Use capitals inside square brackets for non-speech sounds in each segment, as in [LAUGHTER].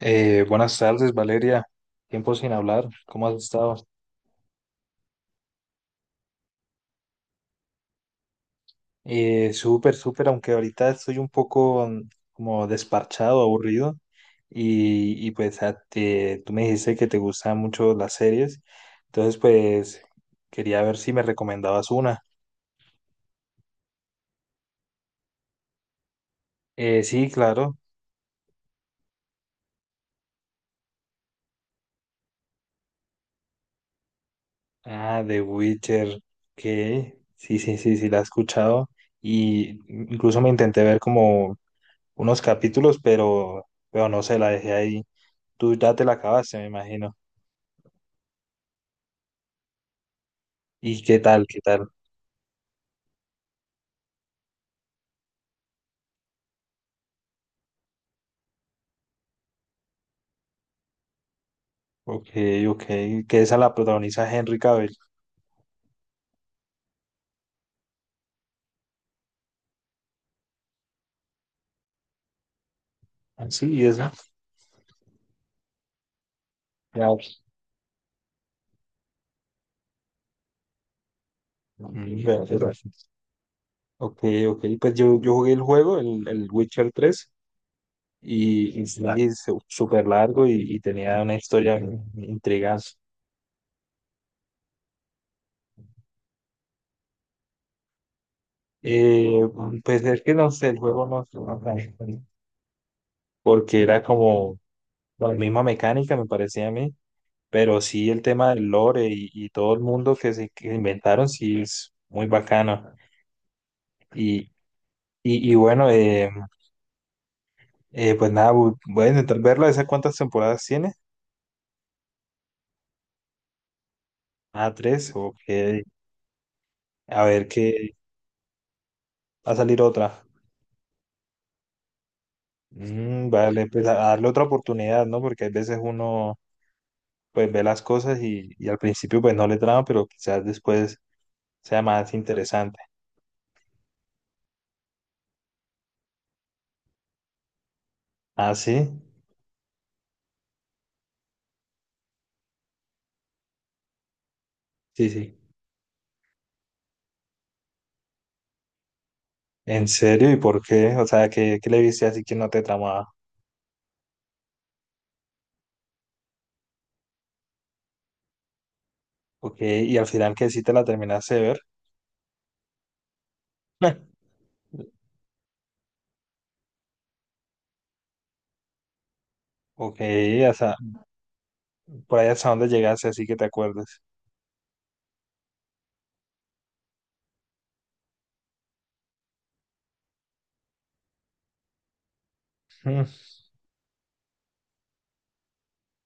Buenas tardes, Valeria. Tiempo sin hablar. ¿Cómo has estado? Súper, súper, aunque ahorita estoy un poco como desparchado, aburrido. Y pues tú me dijiste que te gustan mucho las series. Entonces, pues quería ver si me recomendabas una. Sí, claro. Ah, The Witcher. Que Sí, sí, sí, sí, la he escuchado. Y incluso me intenté ver como unos capítulos, pero no sé, la dejé ahí. Tú ya te la acabaste, me imagino. ¿Y qué tal? ¿Qué tal? Ok, ok. Que esa la protagoniza Henry Cavill. Ah, sí, y esa. Ya, pues, vea, qué raro. Ok, ok. Pues yo jugué el juego, el Witcher 3 y sí, súper largo y tenía una historia intrigante. Eh, pues es que no sé, el juego no, porque era como la misma mecánica, me parecía a mí. Pero sí, el tema del lore y todo el mundo que inventaron, sí es muy bacano. Y, y bueno, pues nada, voy a intentar verla. ¿Esa cuántas temporadas tiene? Ah, tres, ok. A ver qué va a salir otra. Vale, pues a darle otra oportunidad, ¿no? Porque hay veces uno pues ve las cosas y al principio pues no le trama, pero quizás después sea más interesante. Ah, sí, sí, sí. ¿En serio? ¿Y por qué? O sea, ¿qué le viste así que no te tramaba? Ok, y al final que sí te la terminaste de ver. [LAUGHS] Ok, hasta, por ahí hasta dónde llegaste, así que te acuerdes. [LAUGHS]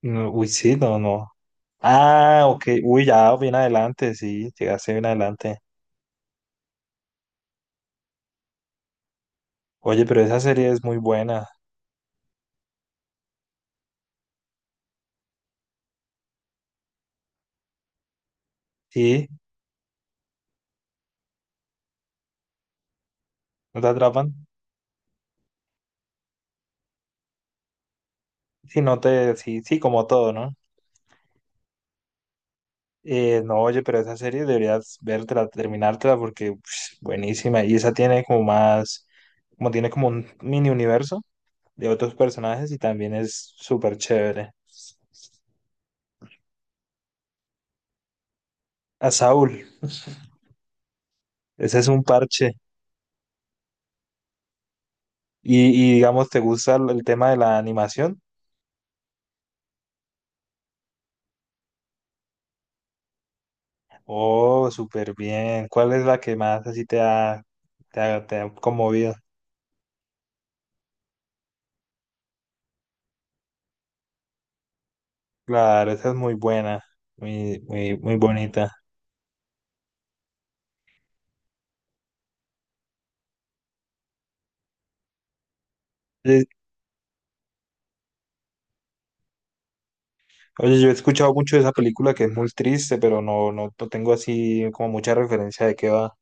Mm, no, uy, sí, no, no. Ah, ok, uy, ya, bien adelante, sí, llegaste bien adelante. Oye, pero esa serie es muy buena, ¿sí? ¿No te atrapan? Sí, no te, sí, sí, como todo, ¿no? No, oye, pero esa serie deberías vértela, terminártela, porque pf, buenísima, y esa tiene como tiene como un mini universo de otros personajes y también es súper chévere. A Saúl, ese es un parche. Y, y, digamos, ¿te gusta el tema de la animación? Oh, súper bien. ¿Cuál es la que más así te ha conmovido? Claro, esa es muy buena, muy, muy, muy bonita. Oye, Oye, yo he escuchado mucho de esa película que es muy triste, pero no, no, no tengo así como mucha referencia de qué va.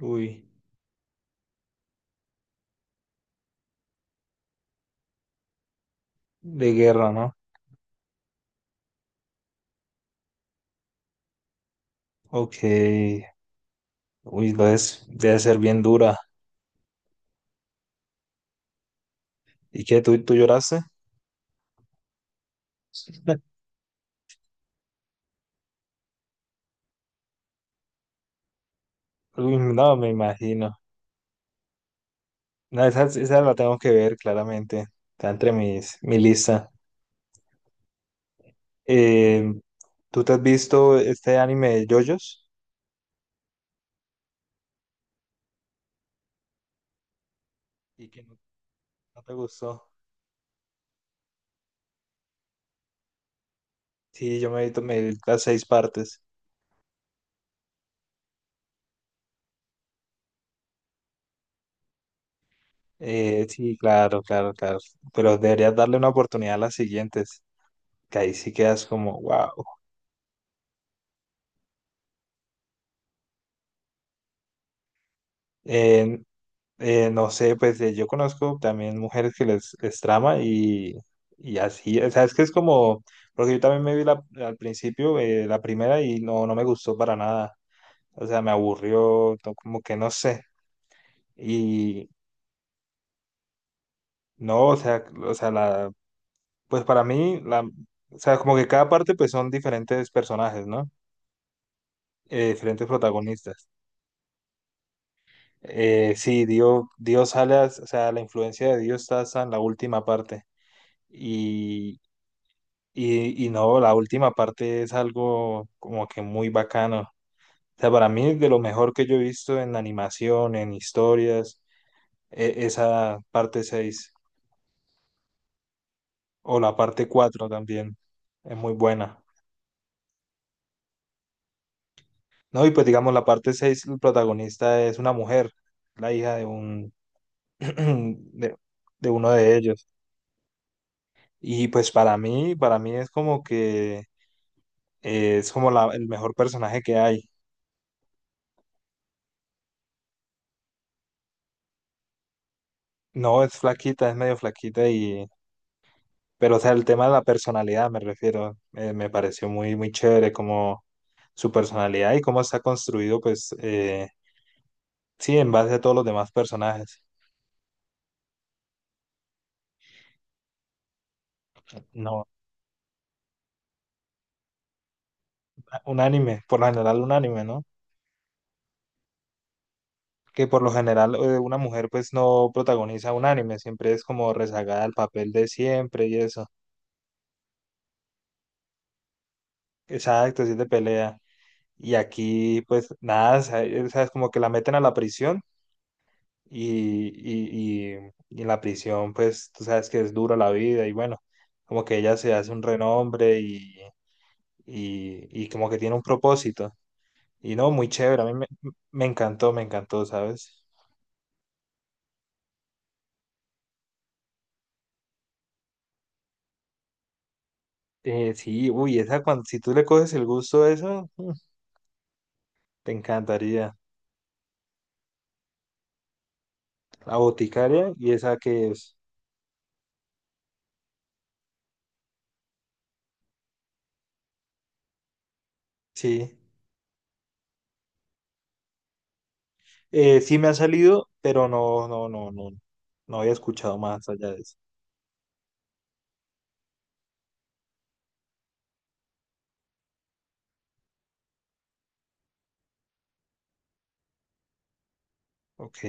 Uy, de guerra, ¿no? Ok. Uy, entonces debe ser bien dura. ¿Y qué? ¿Tú lloraste? [LAUGHS] Uy, no, me imagino. No, esa la tengo que ver claramente. Está entre mi lista. Eh, ¿Tú te has visto este anime de JoJo's? Y que no te gustó. Sí, yo me he visto me vi las seis partes. Sí, claro, claro, claro. Pero deberías darle una oportunidad a las siguientes. Que ahí sí quedas como, wow. No sé, pues yo conozco también mujeres que les trama y así, o sea, es que es como, porque yo también al principio la primera y no me gustó para nada, o sea, me aburrió, no, como que no sé, y no, o sea, pues para mí, o sea, como que cada parte pues son diferentes personajes, ¿no? Diferentes protagonistas. Sí, Dios sale, o sea, la influencia de Dios está hasta en la última parte. Y, y no, la última parte es algo como que muy bacano. O sea, para mí es de lo mejor que yo he visto en animación, en historias, esa parte 6 o la parte 4 también es muy buena. No, y pues digamos la parte 6 el protagonista es una mujer, la hija de un [CLEARS THROAT] de, de uno de ellos. Y pues para mí es como que es como el mejor personaje que hay. No, es medio flaquita. Y Pero, o sea, el tema de la personalidad, me refiero, me pareció muy, muy chévere como su personalidad y cómo está construido, pues, sí, en base a todos los demás personajes. No, un anime, por lo general un anime, ¿no? Que por lo general una mujer, pues, no protagoniza un anime, siempre es como rezagada al papel de siempre y eso. Exacto, sí, es de pelea. Y aquí, pues, nada, o sea, es como que la meten a la prisión. Y en la prisión, pues tú sabes que es dura la vida y bueno, como que ella se hace un renombre y como que tiene un propósito. Y no, muy chévere, a mí me encantó, me encantó, ¿sabes? Sí, uy, esa cuando, si tú le coges el gusto a eso, te encantaría. La boticaria y esa que es, sí. Sí me ha salido, pero no había escuchado más allá de eso. Ok,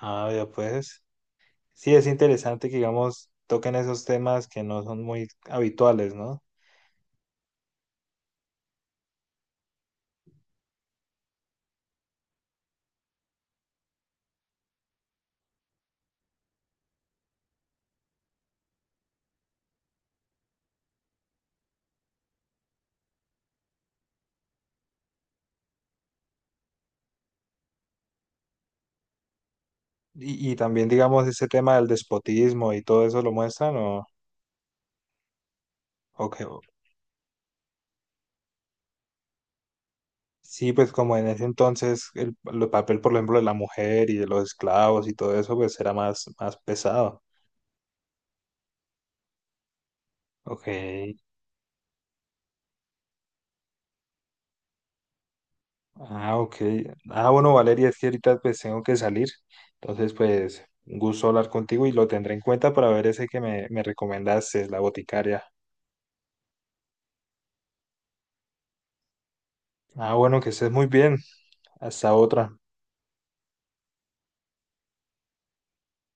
ah, ya pues. Sí, es interesante que, digamos, toquen esos temas que no son muy habituales, ¿no? Y también, digamos, ese tema del despotismo y todo eso lo muestran, ¿o qué? Sí, pues como en ese entonces el papel, por ejemplo, de la mujer y de los esclavos y todo eso, pues era más, más pesado. Ok. Ah, ok. Ah, bueno, Valeria, es que ahorita pues tengo que salir. Entonces, pues, un gusto hablar contigo y lo tendré en cuenta para ver ese que me recomendaste, la boticaria. Ah, bueno, que estés muy bien. Hasta otra.